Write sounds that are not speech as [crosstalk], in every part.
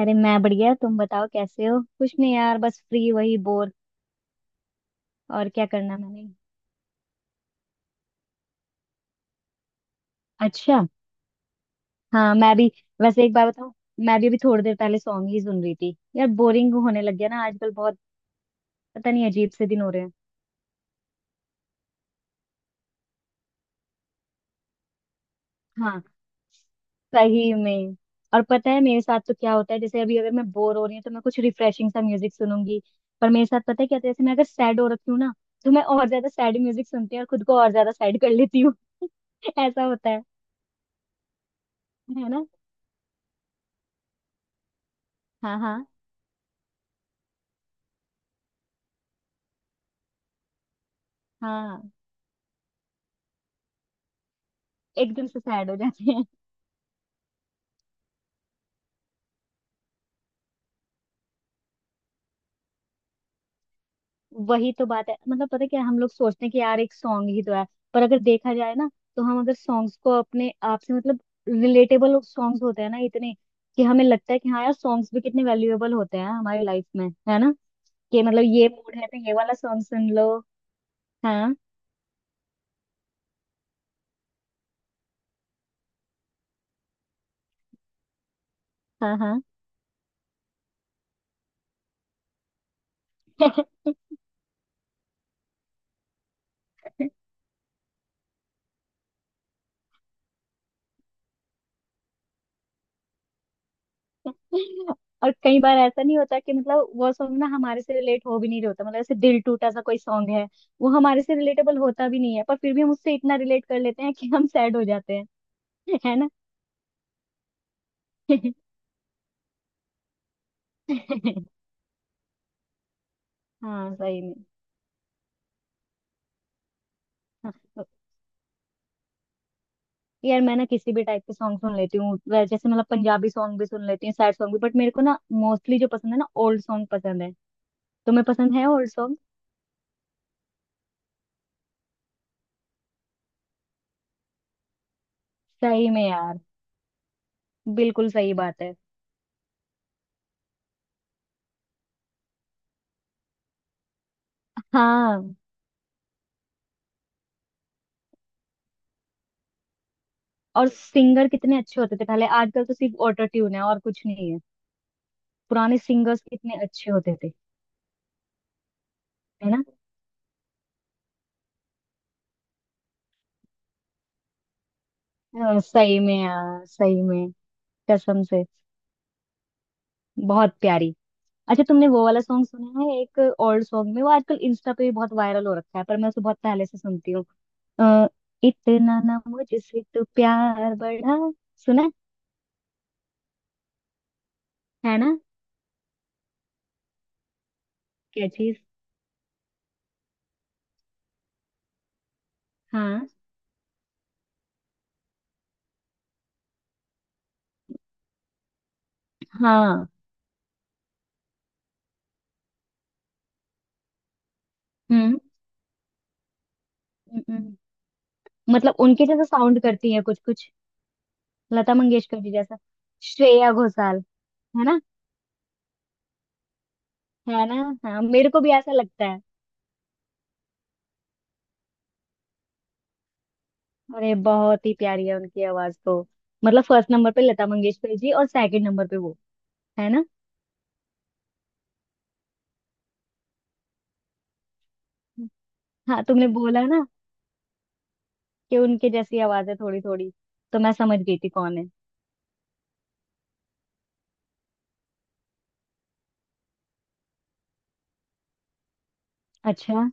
अरे, मैं बढ़िया। तुम बताओ कैसे हो। कुछ नहीं यार, बस फ्री, वही बोर। और क्या करना मैंने। अच्छा। हाँ मैं भी। वैसे एक बार बताऊं, मैं भी अभी थोड़ी देर पहले सॉन्ग ही सुन रही थी यार। बोरिंग होने लग गया ना आजकल बहुत। पता नहीं, अजीब से दिन हो रहे हैं। हाँ, सही में। और पता है मेरे साथ तो क्या होता है, जैसे अभी अगर मैं बोर हो रही हूँ तो मैं कुछ रिफ्रेशिंग सा म्यूजिक सुनूंगी। पर मेरे साथ पता है क्या होता है, जैसे मैं अगर सैड हो रखी हूँ ना, तो मैं और ज्यादा सैड म्यूजिक सुनती हूँ और खुद को और ज्यादा सैड कर लेती हूँ। [laughs] ऐसा होता है। है ना। हाँ हाँ हाँ, एकदम से सैड हो जाते हैं। वही तो बात है। मतलब पता है क्या, हम लोग सोचते हैं कि यार एक सॉन्ग ही तो है, पर अगर देखा जाए ना, तो हम अगर सॉन्ग्स को अपने आप से मतलब रिलेटेबल सॉन्ग्स होते हैं ना इतने, कि हमें लगता है कि हाँ यार सॉन्ग्स भी कितने वैल्यूएबल होते हैं हमारी लाइफ में, है ना। कि मतलब ये मूड है तो ये वाला सॉन्ग सुन लो। हाँ हाँ हाँ। [laughs] और कई बार ऐसा नहीं होता कि मतलब वो सॉन्ग ना हमारे से रिलेट हो भी नहीं रहा होता। मतलब ऐसे दिल टूटा सा कोई सॉन्ग है, वो हमारे से रिलेटेबल होता भी नहीं है, पर फिर भी हम उससे इतना रिलेट कर लेते हैं कि हम सैड हो जाते हैं। है ना। [laughs] हाँ, सही में। हाँ, तो यार मैं ना किसी भी टाइप के सॉन्ग सुन लेती हूँ। जैसे मतलब पंजाबी सॉन्ग भी सुन लेती हूँ, सैड सॉन्ग भी, बट मेरे को ना मोस्टली जो पसंद है ना, ओल्ड सॉन्ग पसंद है। तुम्हें पसंद है ओल्ड सॉन्ग। सही में यार। बिल्कुल सही बात है। हाँ। और सिंगर कितने अच्छे होते थे पहले। आजकल तो सिर्फ ऑटो ट्यून है और कुछ नहीं है। पुराने सिंगर्स कितने अच्छे होते थे। है ना। सही में यार, सही में। कसम से, बहुत प्यारी। अच्छा तुमने वो वाला सॉन्ग सुना है, एक ओल्ड सॉन्ग में, वो आजकल इंस्टा पे भी बहुत वायरल हो रखा है पर मैं उसे बहुत पहले से सुनती हूँ। अ, इतना ना मुझसे तो प्यार बढ़ा। सुना है ना। क्या चीज। हाँ हाँ। हम्म। हम्म, हम्म। मतलब उनके जैसा साउंड करती है कुछ कुछ। लता मंगेशकर जी जैसा। श्रेया घोषाल। है ना। है ना। हाँ, मेरे को भी ऐसा लगता है। अरे बहुत ही प्यारी है उनकी आवाज तो। मतलब फर्स्ट नंबर पे लता मंगेशकर जी और सेकंड नंबर पे वो। है ना। हाँ तुमने बोला ना कि उनके जैसी आवाज है थोड़ी थोड़ी, तो मैं समझ गई थी कौन है। अच्छा।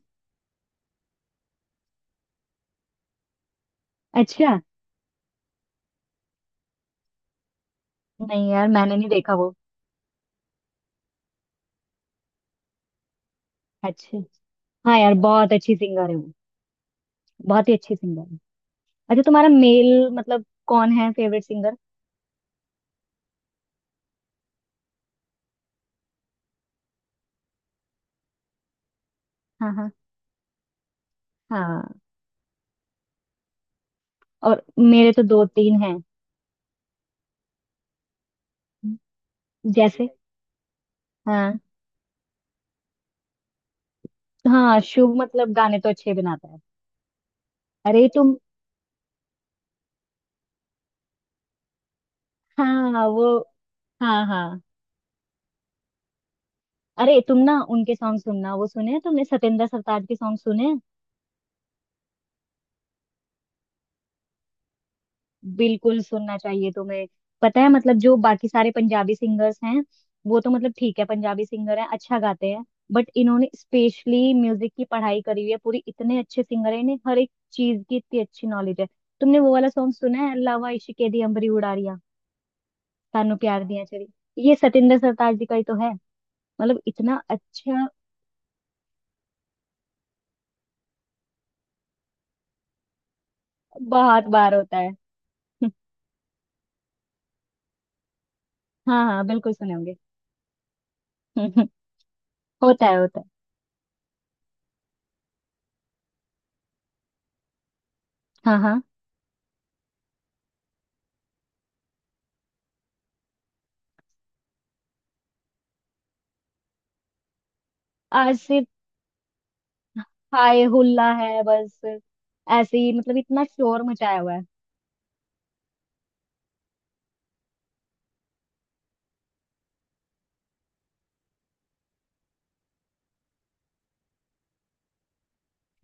अच्छा। नहीं यार, मैंने नहीं देखा वो। अच्छा। हाँ यार, बहुत अच्छी सिंगर है वो। बहुत ही अच्छी सिंगर है। अच्छा, तुम्हारा मेल मतलब कौन है फेवरेट सिंगर। हाँ हाँ हाँ। और मेरे तो दो तीन हैं। जैसे। हाँ हाँ। शुभ मतलब गाने तो अच्छे बनाता है। अरे तुम। हाँ वो। हाँ हाँ। अरे तुम ना उनके सॉन्ग सुनना, वो सुने हैं तुमने, सतेंद्र सरताज के सॉन्ग सुने हैं? बिल्कुल सुनना चाहिए तुम्हें। पता है मतलब जो बाकी सारे पंजाबी सिंगर्स हैं, वो तो मतलब ठीक है, पंजाबी सिंगर हैं अच्छा गाते हैं। बट इन्होंने स्पेशली म्यूजिक की पढ़ाई करी हुई है पूरी, इतने अच्छे सिंगर है, इन्हें हर एक चीज की इतनी अच्छी नॉलेज है। तुमने वो वाला सॉन्ग सुना है, अल्लाह इश्क के दी अंबरी उड़ारिया, तानू प्यार दिया चली। ये सतेंद्र सरताज जी का ही तो है। मतलब इतना अच्छा। बहुत बार होता है। [laughs] हाँ हाँ, बिल्कुल सुने होंगे। [laughs] होता है होता है। हाँ हाँ। आज सिर्फ हाय हुल्ला है बस। ऐसे ही, मतलब इतना शोर मचाया हुआ है।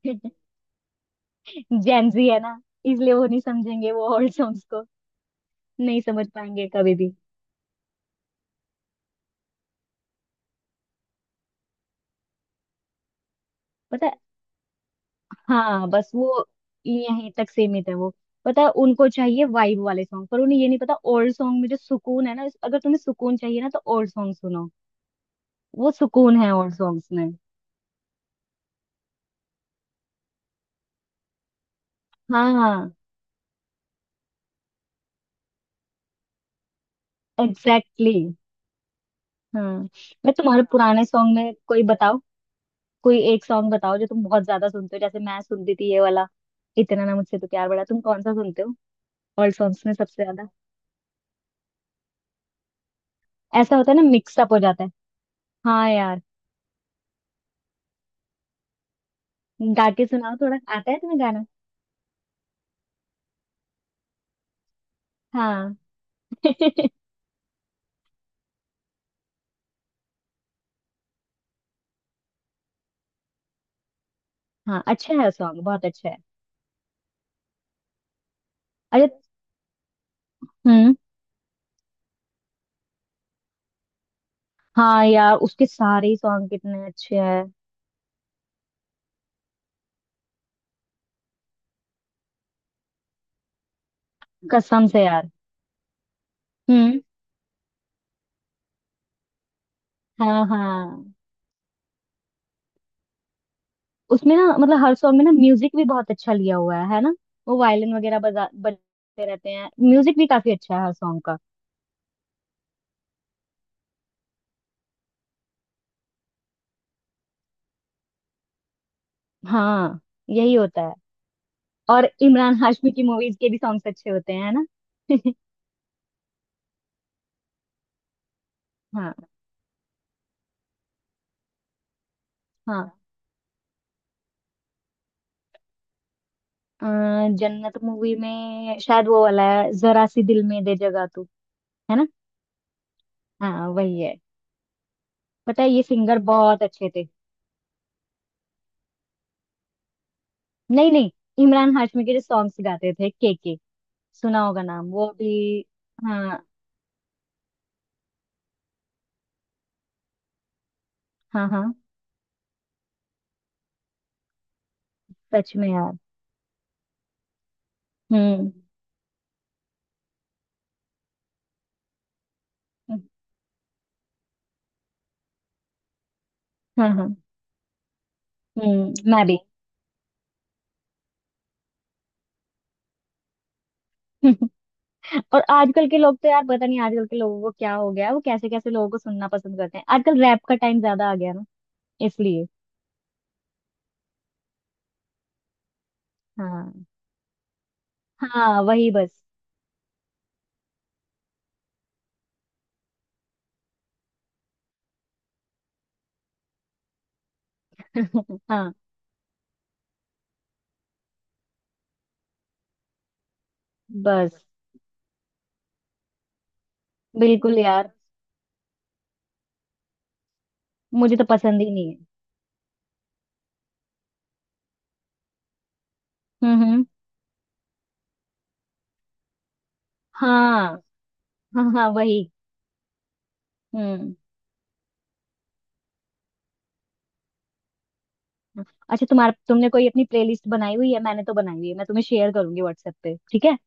[laughs] जेंजी है ना, इसलिए वो नहीं समझेंगे वो ओल्ड सॉन्ग्स को। नहीं समझ पाएंगे कभी भी। पता है। हाँ बस वो यहीं तक सीमित है वो। पता है, उनको चाहिए वाइब वाले सॉन्ग, पर उन्हें ये नहीं पता ओल्ड सॉन्ग में जो सुकून है ना, अगर तुम्हें सुकून चाहिए ना तो ओल्ड सॉन्ग सुनो। वो सुकून है ओल्ड सॉन्ग्स में। हाँ हाँ। एग्जैक्टली, हाँ। मैं तुम्हारे पुराने सॉन्ग में कोई बताओ, कोई एक सॉन्ग बताओ जो तुम बहुत ज्यादा सुनते हो। जैसे मैं सुनती थी ये वाला, इतना ना मुझसे तो प्यार बड़ा। तुम कौन सा सुनते हो ओल्ड सॉन्ग्स में सबसे ज्यादा। ऐसा होता है ना, मिक्सअप हो जाता है। हाँ यार। गा के सुनाओ, थोड़ा आता है तुम्हें गाना। हाँ। [laughs] हाँ अच्छा है, सॉन्ग बहुत अच्छा है। अरे। हम्म। हाँ यार, उसके सारे ही सॉन्ग कितने अच्छे हैं। कसम से यार। हम्म। हाँ हाँ। उसमें ना मतलब हर सॉन्ग में ना म्यूजिक भी बहुत अच्छा लिया हुआ है ना। वो वायलिन वगैरह बजा बजते रहते हैं, म्यूजिक भी काफी अच्छा है हर सॉन्ग का। हाँ। यही होता है। और इमरान हाशमी की मूवीज के भी सॉन्ग्स अच्छे होते हैं, है ना। [laughs] हाँ हाँ। अ, जन्नत मूवी में शायद वो वाला है, जरा सी दिल में दे जगह तू। है ना। हाँ वही है। पता है ये सिंगर बहुत अच्छे थे। नहीं नहीं, इमरान हाशमी के जो सॉन्ग्स गाते थे के के। सुना होगा नाम वो भी। हाँ हाँ हाँ। सच में यार। हम्म। हाँ हाँ। हम्म, मैं भी। [laughs] और आजकल के लोग तो यार, पता नहीं आजकल के लोगों को क्या हो गया है, वो कैसे कैसे लोगों को सुनना पसंद करते हैं। आजकल रैप का टाइम ज्यादा आ गया ना, इसलिए। हाँ हाँ वही बस। [laughs] हाँ बस। बिल्कुल यार। मुझे तो पसंद ही नहीं है। हम्म। हाँ हाँ हाँ वही। हम्म। अच्छा, तुम्हारा तुमने कोई अपनी प्लेलिस्ट बनाई हुई है। मैंने तो बनाई हुई है, मैं तुम्हें शेयर करूंगी व्हाट्सएप पे, ठीक है।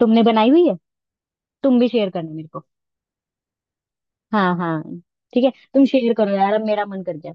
तुमने बनाई हुई है। तुम भी शेयर करना मेरे को। हाँ हाँ। ठीक है, तुम शेयर करो यार, अब मेरा मन कर गया।